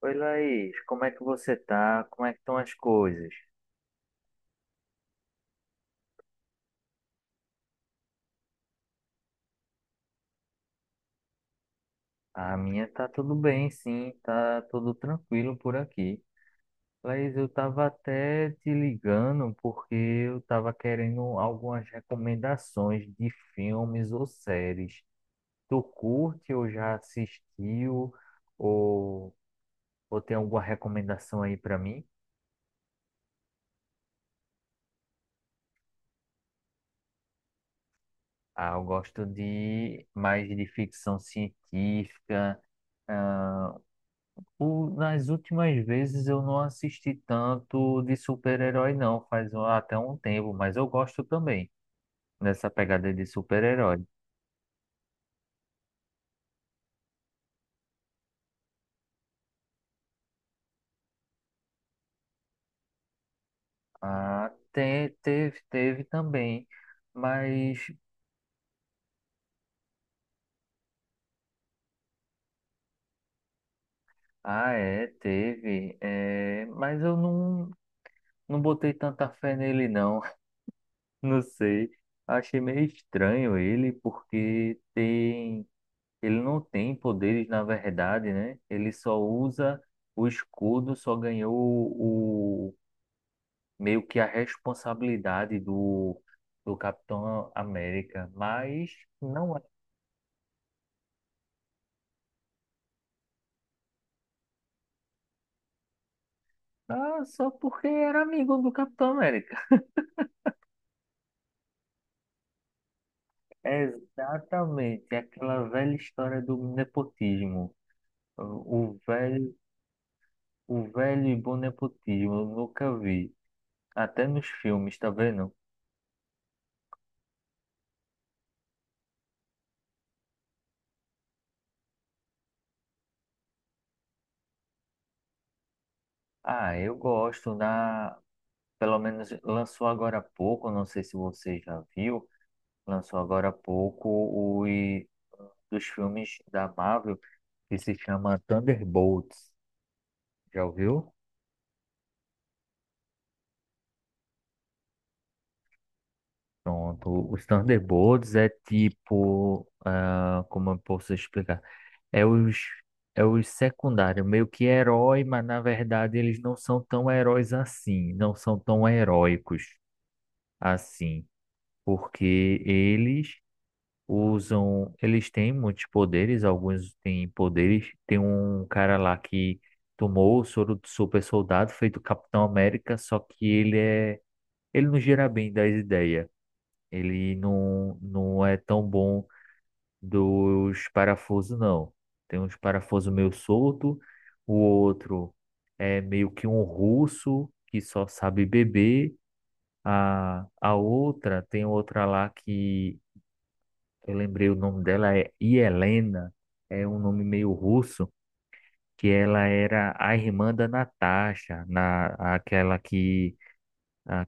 Oi, Laís, como é que você tá? Como é que estão as coisas? A minha tá tudo bem, sim, tá tudo tranquilo por aqui. Laís, eu tava até te ligando porque eu tava querendo algumas recomendações de filmes ou séries. Tu curte ou já assistiu ou, ou tem alguma recomendação aí pra mim? Ah, eu gosto de mais de ficção científica. Nas últimas vezes eu não assisti tanto de super-herói, não, faz até um tempo, mas eu gosto também dessa pegada de super-herói. Ah, teve, teve também, mas. Ah, é, teve, é, mas eu não, não botei tanta fé nele, não, não sei. Achei meio estranho ele, porque tem. Ele não tem poderes, na verdade, né? Ele só usa o escudo, só ganhou meio que a responsabilidade do, do Capitão América, mas não é, ah, só porque era amigo do Capitão América. Exatamente, aquela velha história do nepotismo. O velho, o velho e bom nepotismo, eu nunca vi. Até nos filmes, tá vendo? Ah, eu gosto da, pelo menos lançou agora há pouco, não sei se você já viu, lançou agora há pouco os dos filmes da Marvel que se chama Thunderbolts. Já ouviu? Pronto, os Thunderbolts é tipo, ah, como eu posso explicar? É os é os secundários, meio que herói, mas na verdade eles não são tão heróis assim, não são tão heróicos assim, porque eles usam, eles têm muitos poderes, alguns têm poderes. Tem um cara lá que tomou o soro do super soldado, feito Capitão América, só que ele é, ele não gira bem das ideias. Ele não, não é tão bom dos parafusos, não. Tem uns parafusos meio solto, o outro é meio que um russo que só sabe beber. A outra, tem outra lá que eu lembrei, o nome dela é Yelena, é um nome meio russo, que ela era a irmã da Natasha, na aquela que a-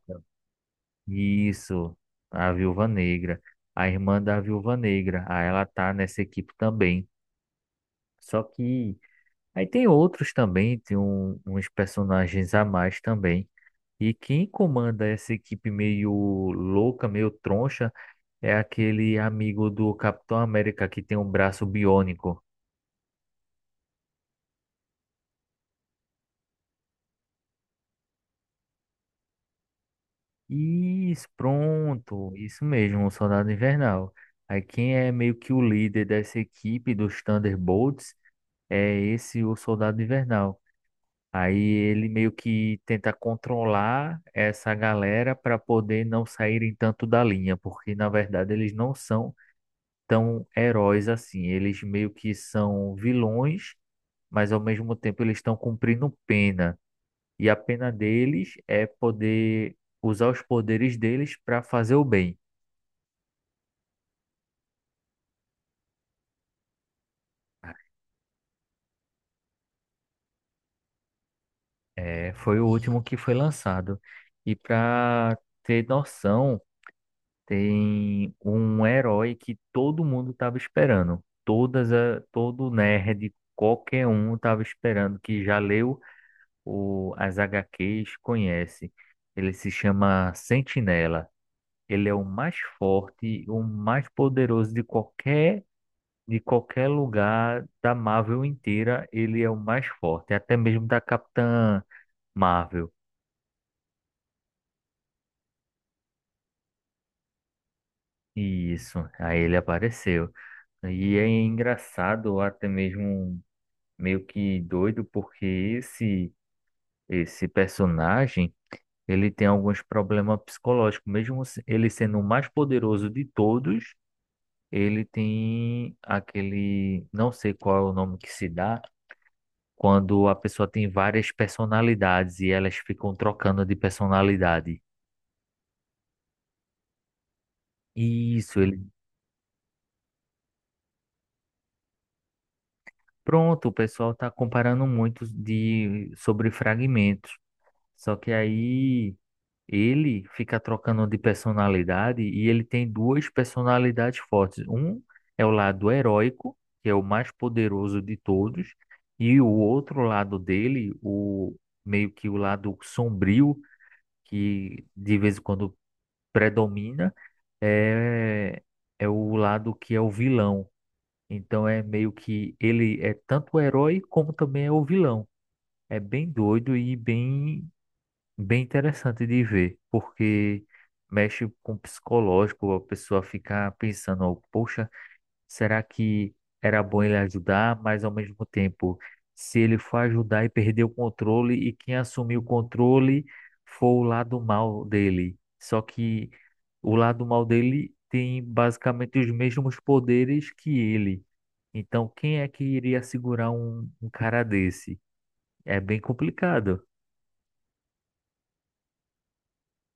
isso, a Viúva Negra, a irmã da Viúva Negra. Aí ela tá nessa equipe também. Só que aí tem outros também, tem uns personagens a mais também. E quem comanda essa equipe meio louca, meio troncha, é aquele amigo do Capitão América que tem um braço biônico. Isso, pronto, isso mesmo, o Soldado Invernal. Aí quem é meio que o líder dessa equipe dos Thunderbolts é esse o Soldado Invernal. Aí ele meio que tenta controlar essa galera para poder não saírem tanto da linha, porque na verdade eles não são tão heróis assim. Eles meio que são vilões, mas ao mesmo tempo eles estão cumprindo pena. E a pena deles é poder usar os poderes deles para fazer o bem. É, foi o último que foi lançado. E para ter noção, tem um herói que todo mundo estava esperando. Todo nerd, qualquer um estava esperando, que já leu o, as HQs, conhece. Ele se chama Sentinela. Ele é o mais forte, o mais poderoso de qualquer lugar da Marvel inteira. Ele é o mais forte, até mesmo da Capitã Marvel. Isso, aí ele apareceu. E é engraçado, até mesmo meio que doido, porque esse esse personagem, ele tem alguns problemas psicológicos, mesmo ele sendo o mais poderoso de todos, ele tem aquele, não sei qual é o nome que se dá, quando a pessoa tem várias personalidades e elas ficam trocando de personalidade. Isso, ele. Pronto, o pessoal está comparando muito de sobre fragmentos. Só que aí ele fica trocando de personalidade e ele tem duas personalidades fortes. Um é o lado heróico, que é o mais poderoso de todos, e o outro lado dele, o meio que o lado sombrio, que de vez em quando predomina, é, é o lado que é o vilão. Então é meio que ele é tanto o herói como também é o vilão. É bem doido e bem interessante de ver, porque mexe com o psicológico, a pessoa fica pensando, ó, poxa, será que era bom ele ajudar, mas ao mesmo tempo, se ele for ajudar e perder o controle, e quem assumir o controle for o lado mal dele. Só que o lado mal dele tem basicamente os mesmos poderes que ele. Então, quem é que iria segurar um cara desse? É bem complicado.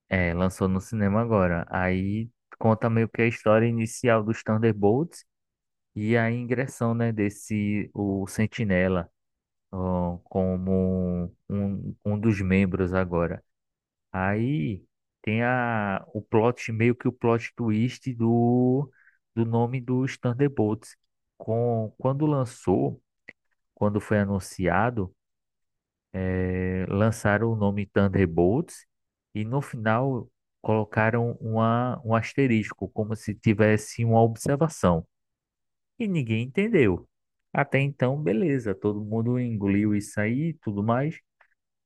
É, lançou no cinema agora. Aí conta meio que a história inicial dos Thunderbolts e a ingressão, né, desse o Sentinela, ó, como um dos membros agora. Aí tem a, o plot, meio que o plot twist do, do nome dos Thunderbolts. Com, quando lançou, quando foi anunciado, lançaram o nome Thunderbolts e no final colocaram uma, um asterisco, como se tivesse uma observação. E ninguém entendeu. Até então, beleza, todo mundo engoliu isso aí e tudo mais.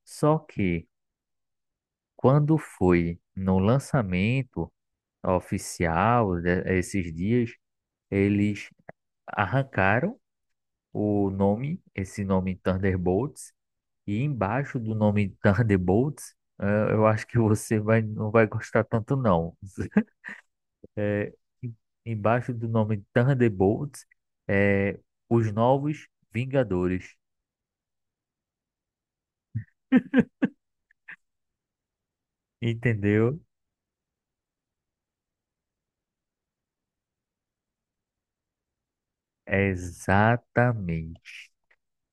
Só que quando foi no lançamento oficial, esses dias, eles arrancaram o nome, esse nome Thunderbolts. E embaixo do nome Thunderbolts, eu acho que você vai, não vai gostar tanto, não. Eh, em- embaixo do nome Thunderbolts, é os novos Vingadores. Entendeu? É. Exatamente.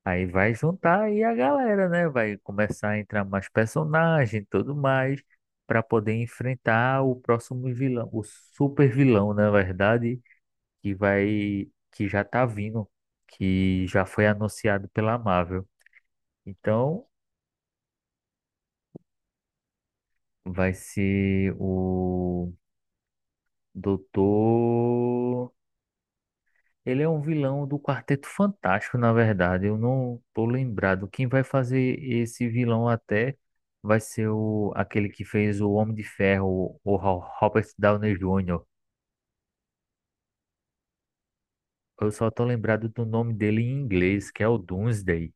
Aí vai juntar aí a galera, né? Vai começar a entrar mais personagem e tudo mais para poder enfrentar o próximo vilão, o super vilão, na verdade, que vai, que já tá vindo, que já foi anunciado pela Marvel. Então, vai ser o Doutor. Ele é um vilão do Quarteto Fantástico, na verdade. Eu não tô lembrado. Quem vai fazer esse vilão até vai ser o aquele que fez o Homem de Ferro, o Robert Downey Jr. Eu só tô lembrado do nome dele em inglês, que é o Doomsday.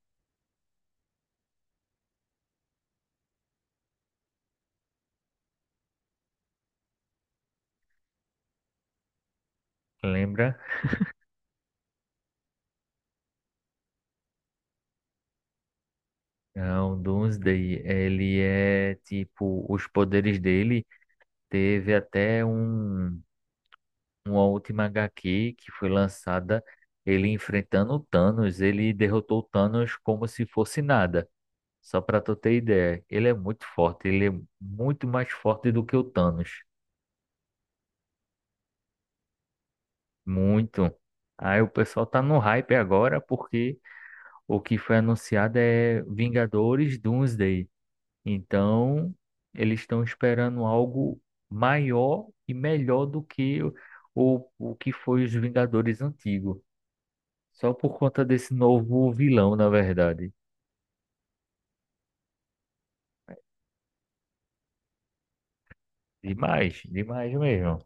Lembra? Não, Doomsday, ele é tipo, os poderes dele, teve até uma última HQ que foi lançada, ele enfrentando o Thanos, ele derrotou o Thanos como se fosse nada. Só pra tu ter ideia, ele é muito forte, ele é muito mais forte do que o Thanos, muito. Aí o pessoal tá no hype agora porque o que foi anunciado é Vingadores Doomsday. Então, eles estão esperando algo maior e melhor do que o que foi os Vingadores antigos. Só por conta desse novo vilão, na verdade. Demais, demais mesmo.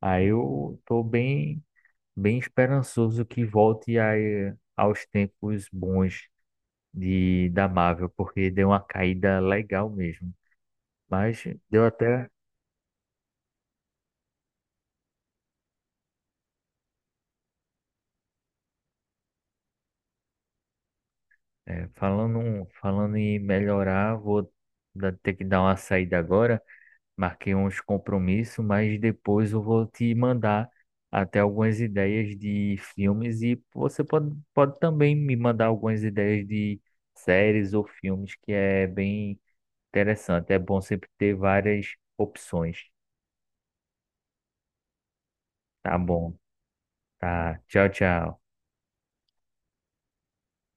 Aí eu tô bem, bem esperançoso que volte a, aos tempos bons de, da Marvel, porque deu uma caída legal mesmo. Mas deu até. É, falando, falando em melhorar, vou ter que dar uma saída agora. Marquei uns compromissos, mas depois eu vou te mandar até algumas ideias de filmes e você pode, pode também me mandar algumas ideias de séries ou filmes, que é bem interessante. É bom sempre ter várias opções. Tá bom. Tá. Tchau, tchau.